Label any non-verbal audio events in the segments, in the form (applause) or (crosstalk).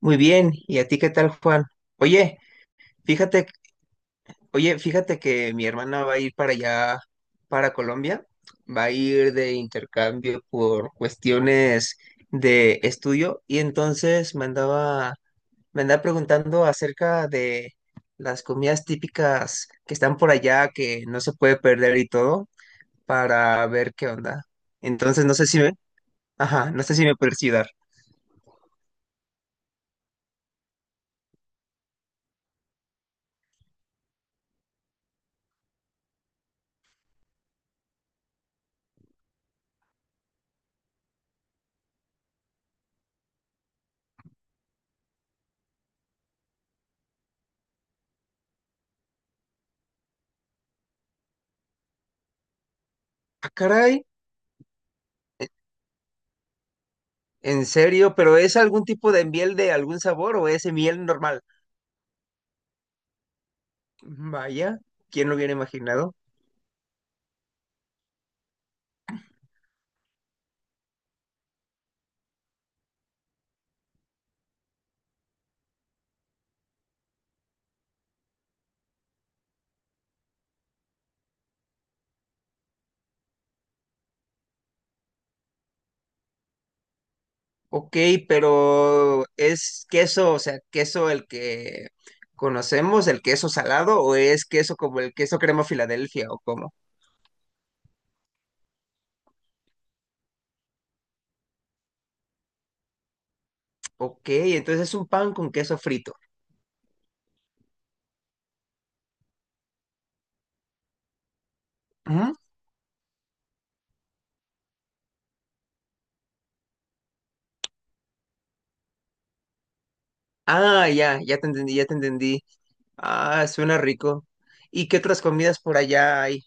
Muy bien, ¿y a ti qué tal, Juan? Oye, fíjate, oye, fíjate que mi hermana va a ir para allá, para Colombia, va a ir de intercambio por cuestiones de estudio y entonces me andaba preguntando acerca de las comidas típicas que están por allá, que no se puede perder y todo, para ver qué onda. Entonces, no sé si me, ajá, no sé si me puedes ayudar. Ah, caray. En serio, pero ¿es algún tipo de miel de algún sabor o es miel normal? Vaya, ¿quién lo hubiera imaginado? Ok, pero ¿es queso, o sea, queso el que conocemos, el queso salado, o es queso como el queso crema Filadelfia o cómo? Ok, entonces es un pan con queso frito. Ujú. Ah, ya, ya te entendí, ya te entendí. Ah, suena rico. ¿Y qué otras comidas por allá hay?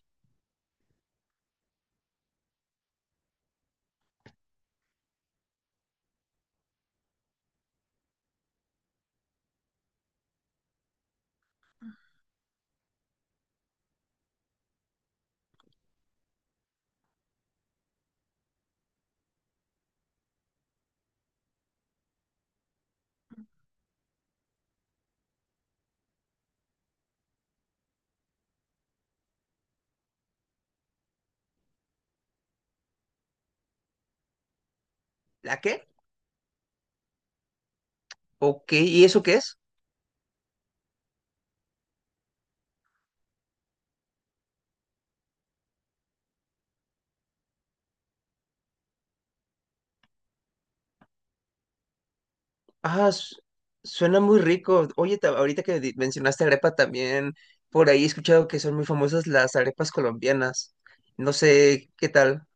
¿La qué? Ok, ¿y eso qué es? Ah, suena muy rico. Oye, ahorita que mencionaste arepa también, por ahí he escuchado que son muy famosas las arepas colombianas. No sé qué tal.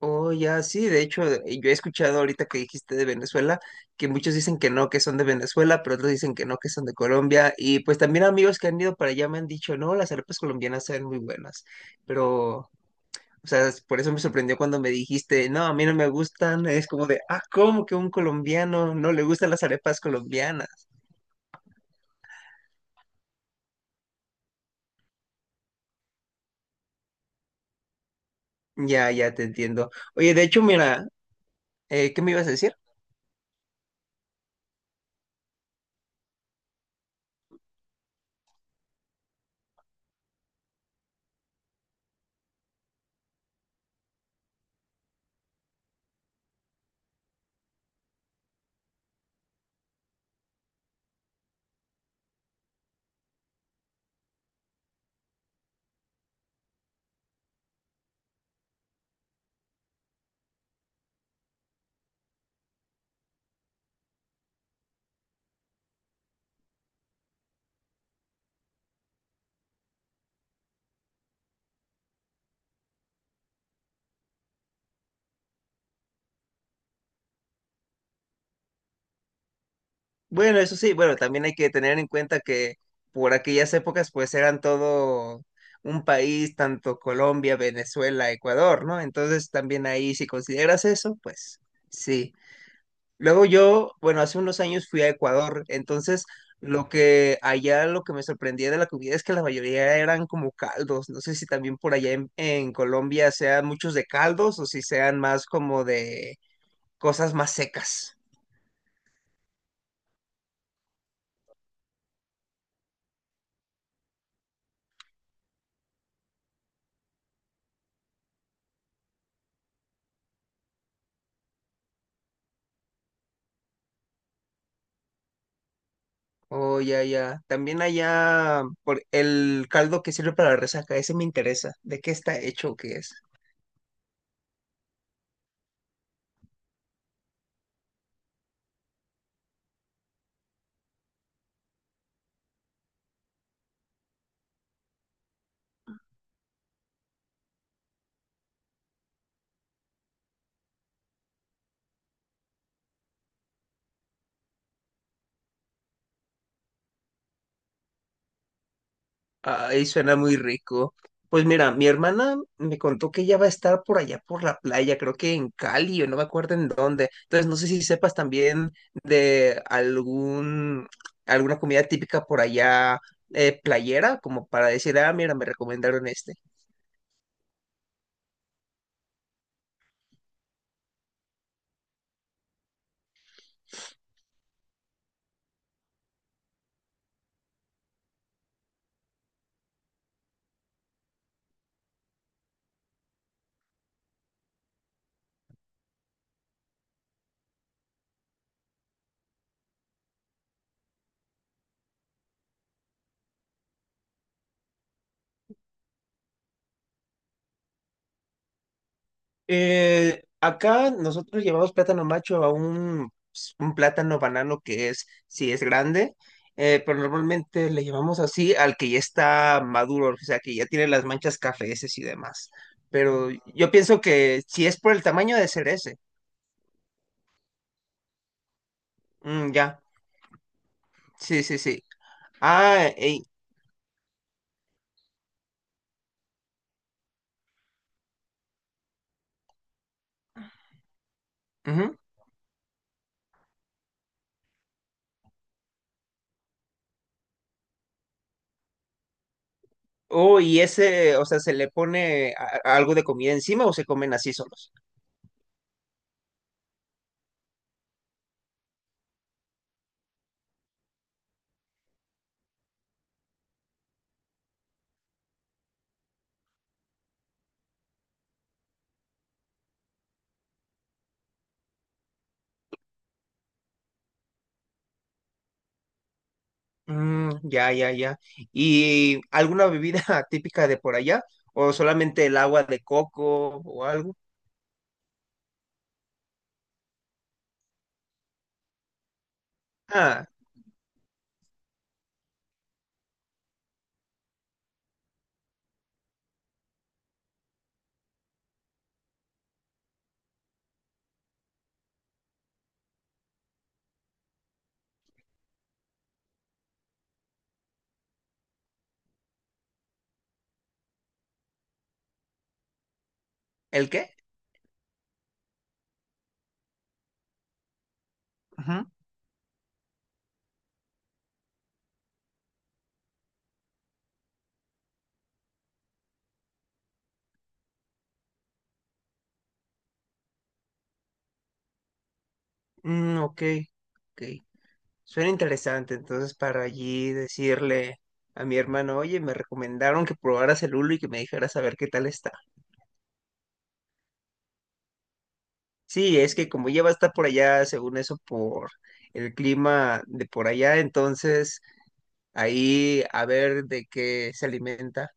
Oh, ya, sí, de hecho, yo he escuchado ahorita que dijiste de Venezuela, que muchos dicen que no, que son de Venezuela, pero otros dicen que no, que son de Colombia. Y pues también amigos que han ido para allá me han dicho, no, las arepas colombianas saben muy buenas. Pero O sea, por eso me sorprendió cuando me dijiste, no, a mí no me gustan. Es como de, ah, ¿cómo que un colombiano no le gustan las arepas colombianas? Ya, ya te entiendo. Oye, de hecho, mira, ¿qué me ibas a decir? Bueno, eso sí, bueno, también hay que tener en cuenta que por aquellas épocas, pues eran todo un país, tanto Colombia, Venezuela, Ecuador, ¿no? Entonces, también ahí, si consideras eso, pues sí. Luego yo, bueno, hace unos años fui a Ecuador, entonces lo que allá lo que me sorprendía de la comida es que la mayoría eran como caldos. No sé si también por allá en Colombia sean muchos de caldos o si sean más como de cosas más secas. Oh, ya, ya. También allá por el caldo que sirve para la resaca, ese me interesa. ¿De qué está hecho o qué es? Ay, suena muy rico. Pues mira, mi hermana me contó que ella va a estar por allá por la playa, creo que en Cali o no me acuerdo en dónde. Entonces no sé si sepas también de algún alguna comida típica por allá, playera, como para decir, ah, mira, me recomendaron este. Acá nosotros llevamos plátano macho pues, un plátano banano que es, sí es grande, pero normalmente le llevamos así al que ya está maduro, o sea, que ya tiene las manchas cafeces y demás. Pero yo pienso que si es por el tamaño de ser ese, mm, ya, sí, sí, sí. Ah, ey, ujú. Oh, y ese, o sea, ¿se le pone a algo de comida encima o se comen así solos? Mm, ya, ya, ya. ¿Y alguna bebida (laughs) típica de por allá? ¿O solamente el agua de coco o algo? Ah, ¿el qué? Ujú. Mm, ok, ok. Suena interesante. Entonces, para allí decirle a mi hermano, oye, me recomendaron que probaras el hulo y que me dijeras a ver qué tal está. Sí, es que como ya va a estar por allá, según eso, por el clima de por allá, entonces ahí a ver de qué se alimenta.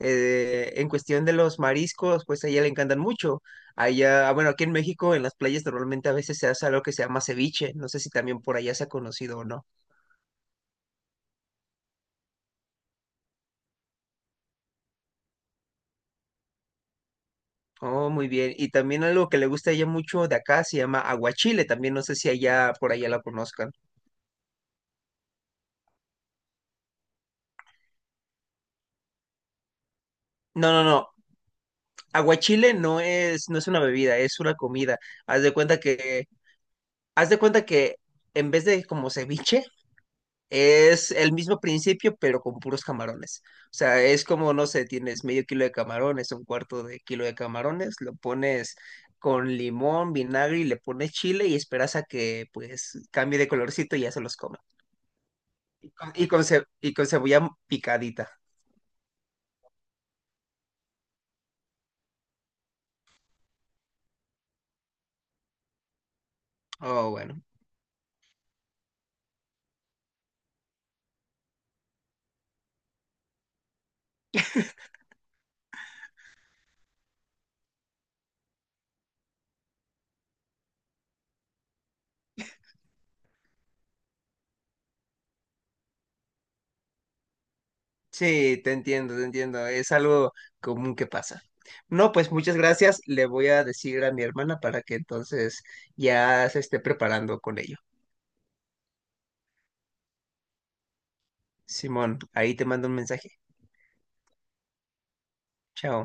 En cuestión de los mariscos, pues a ella le encantan mucho. Allá, bueno, aquí en México, en las playas normalmente a veces se hace algo que se llama ceviche. No sé si también por allá se ha conocido o no. Oh, muy bien. Y también algo que le gusta a ella mucho de acá se llama aguachile. También no sé si allá por allá la conozcan. No, no, no. Aguachile no es, no es una bebida, es una comida. Haz de cuenta que, haz de cuenta que en vez de como ceviche, es el mismo principio, pero con puros camarones. O sea, es como, no sé, tienes medio kilo de camarones, un cuarto de kilo de camarones, lo pones con limón, vinagre y le pones chile y esperas a que pues cambie de colorcito y ya se los come. Y con cebolla picadita. Oh, bueno. Sí, te entiendo, te entiendo. Es algo común que pasa. No, pues muchas gracias. Le voy a decir a mi hermana para que entonces ya se esté preparando con ello. Simón, ahí te mando un mensaje. Chao.